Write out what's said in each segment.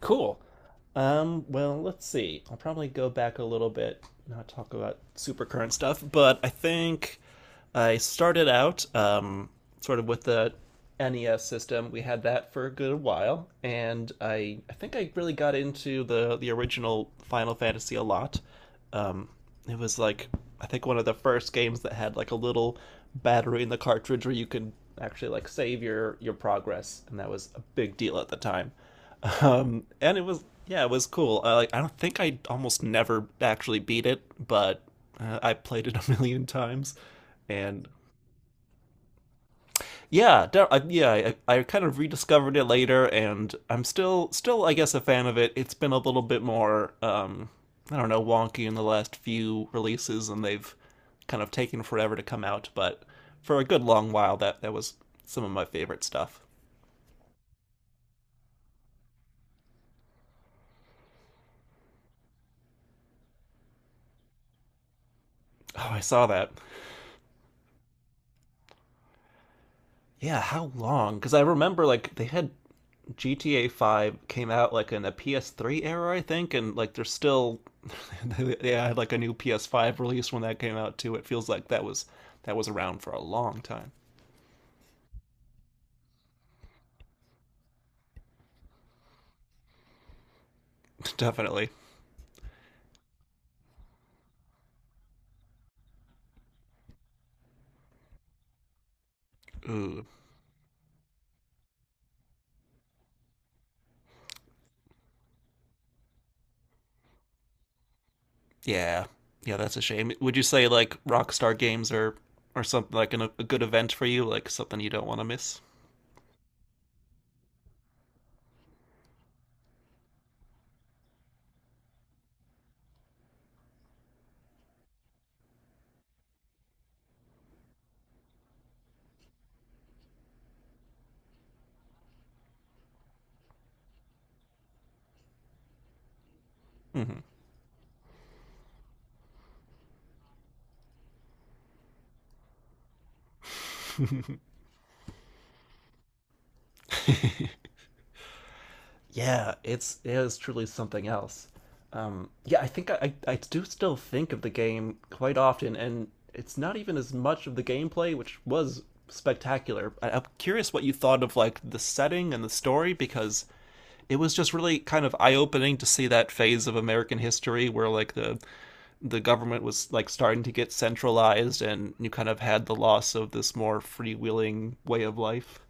Cool. Well, let's see. I'll probably go back a little bit, not talk about super current stuff, but I think I started out sort of with the NES system. We had that for a good while, and I think I really got into the original Final Fantasy a lot. Um, it was like, I think one of the first games that had like a little battery in the cartridge where you could actually like save your progress, and that was a big deal at the time. And it was yeah, it was cool. Like I don't think I almost never actually beat it, but I played it a million times, and yeah, yeah, I kind of rediscovered it later, and I'm still I guess a fan of it. It's been a little bit more I don't know wonky in the last few releases, and they've kind of taken forever to come out, but for a good long while that was some of my favorite stuff. Oh, I saw that. Yeah, how long? Because I remember like they had GTA 5 came out like in a PS3 era, I think, and like they're still they had like a new PS5 release when that came out too. It feels like that was around for a long time. Definitely. Ooh, yeah, yeah, that's a shame. Would you say like Rockstar games are or something like a good event for you, like something you don't want to miss? Hmm. Yeah, it is truly something else. Yeah, I think I do still think of the game quite often, and it's not even as much of the gameplay, which was spectacular. I'm curious what you thought of like the setting and the story because it was just really kind of eye-opening to see that phase of American history where like the government was like starting to get centralized, and you kind of had the loss of this more freewheeling way of life.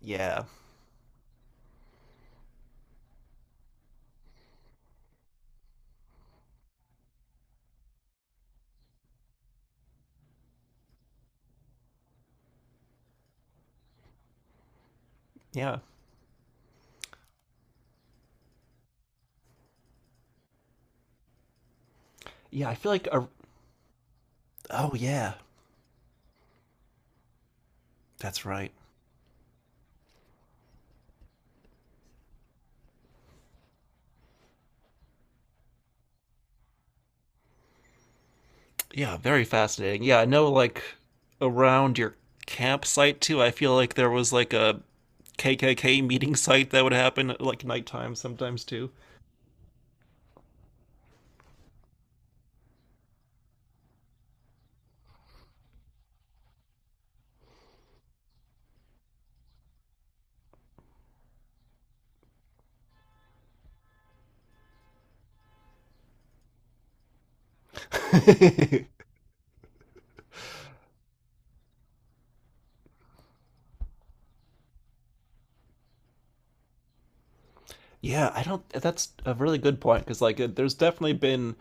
Yeah, yeah, yeah. I feel like a, oh yeah, that's right. Yeah, very fascinating. Yeah, I know like around your campsite too. I feel like there was like a KKK meeting site that would happen at, like nighttime sometimes too. Yeah, I don't that's a really good point because like it, there's definitely been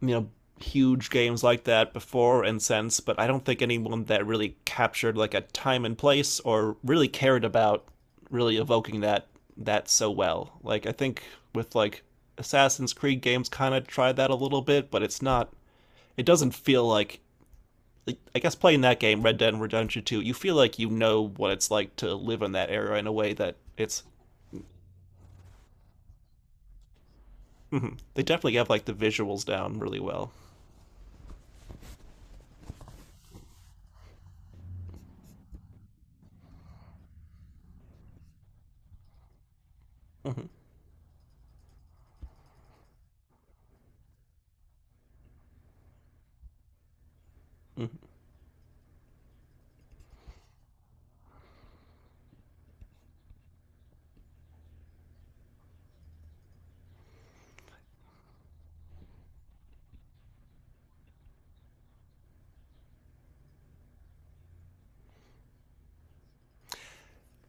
you know huge games like that before and since, but I don't think anyone that really captured like a time and place or really cared about really evoking that so well. Like I think with like Assassin's Creed games kind of tried that a little bit, but it's not it doesn't feel like, I guess playing that game, Red Dead Redemption 2, you feel like you know what it's like to live in that era in a way that it's. Mhm. They definitely have like the visuals down really well. Mhm, mhm.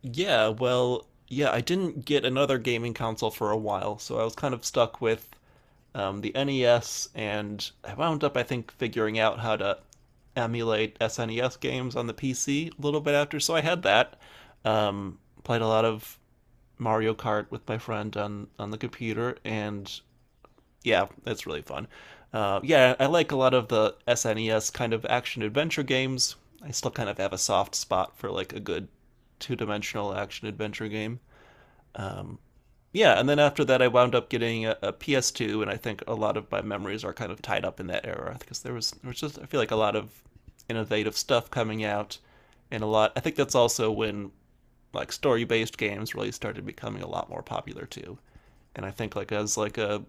Yeah, well, yeah, I didn't get another gaming console for a while, so I was kind of stuck with the NES, and I wound up, I think, figuring out how to emulate SNES games on the PC a little bit after. So I had that. Um, Played a lot of Mario Kart with my friend on the computer, and yeah, it's really fun. Yeah, I like a lot of the SNES kind of action adventure games. I still kind of have a soft spot for like a good two dimensional action adventure game. Um, yeah, and then after that, I wound up getting a, PS2, and I think a lot of my memories are kind of tied up in that era because there was just I feel like a lot of innovative stuff coming out, and a lot. I think that's also when like story based games really started becoming a lot more popular too. And I think like as like a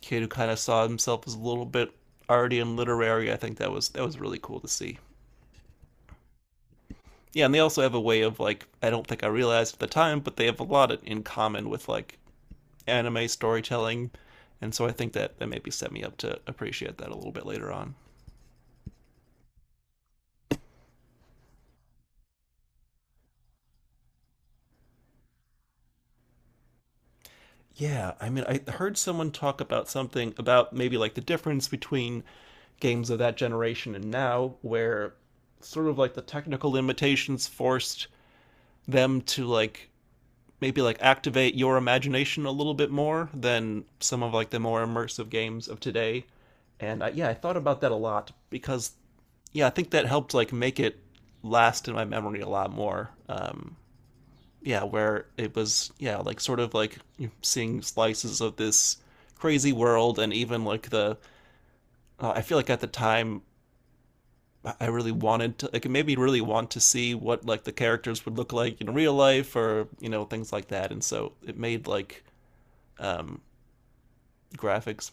kid who kind of saw himself as a little bit arty and literary. I think that was really cool to see. Yeah, and they also have a way of like I don't think I realized at the time, but they have a lot in common with like anime storytelling, and so I think that maybe set me up to appreciate that a little bit later on. Yeah, I mean, I heard someone talk about something about maybe like the difference between games of that generation and now, where sort of like the technical limitations forced them to like maybe like activate your imagination a little bit more than some of like the more immersive games of today. And yeah, I thought about that a lot because yeah, I think that helped like make it last in my memory a lot more. Yeah, where it was yeah like sort of like seeing slices of this crazy world and even like the I feel like at the time I really wanted to like it made me really want to see what like the characters would look like in real life or you know things like that and so it made like um graphics.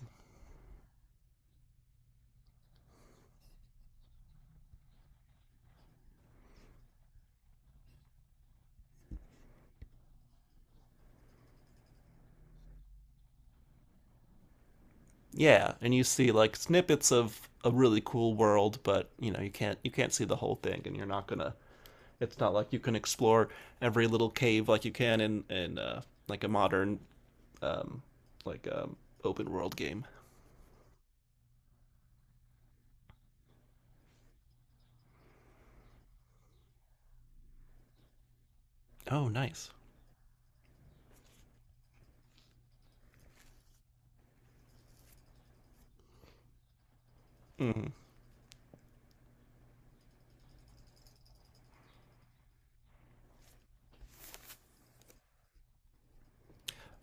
Yeah, and you see like snippets of a really cool world, but you know you can't see the whole thing, and you're not gonna. It's not like you can explore every little cave like you can in like a modern um, like open world game. Oh, nice.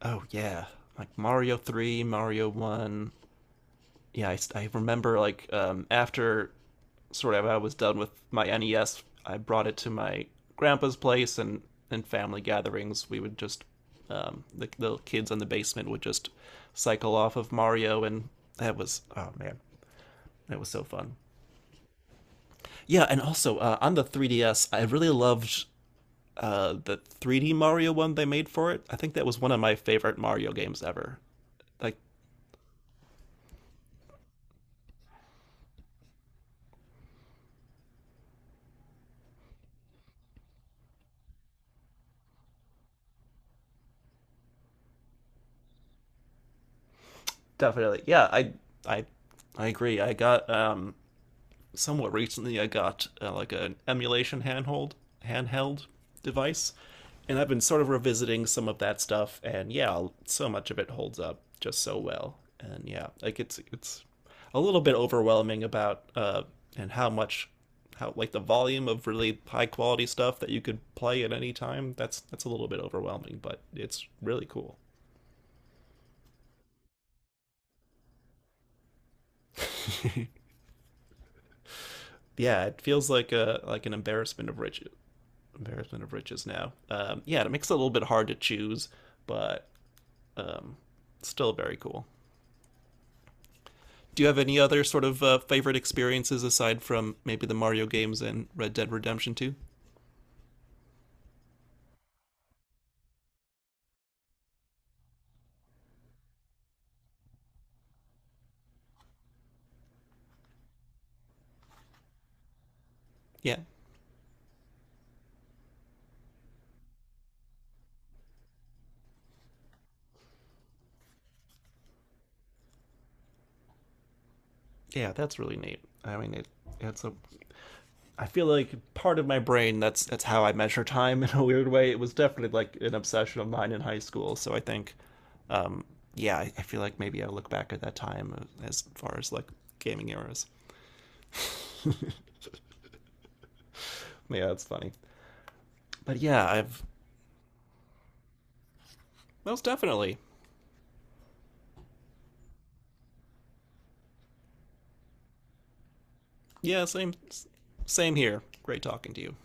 Oh yeah, like Mario Three, Mario One, yeah, I remember like after sort of I was done with my NES, I brought it to my grandpa's place, and in family gatherings, we would just the kids in the basement would just cycle off of Mario, and that was oh man, that was so fun. Yeah, and also on the 3DS, I really loved the 3D Mario one they made for it. I think that was one of my favorite Mario games ever. Like definitely, yeah, I I agree. I got somewhat recently I got like an emulation handhold handheld device, and I've been sort of revisiting some of that stuff. And yeah, so much of it holds up just so well. And yeah, like it's a little bit overwhelming about and how much how like the volume of really high quality stuff that you could play at any time. That's a little bit overwhelming, but it's really cool. Yeah, it feels like a like an embarrassment of riches. Embarrassment of riches now. Yeah, it makes it a little bit hard to choose, but still very cool. Do you have any other sort of favorite experiences aside from maybe the Mario games and Red Dead Redemption 2? Yeah. Yeah, that's really neat. I mean, it, it's a. I feel like part of my brain that's how I measure time in a weird way. It was definitely like an obsession of mine in high school. So I think, yeah, I feel like maybe I look back at that time as far as like gaming eras. Yeah, that's funny. But yeah, I've most definitely. Yeah, same here. Great talking to you.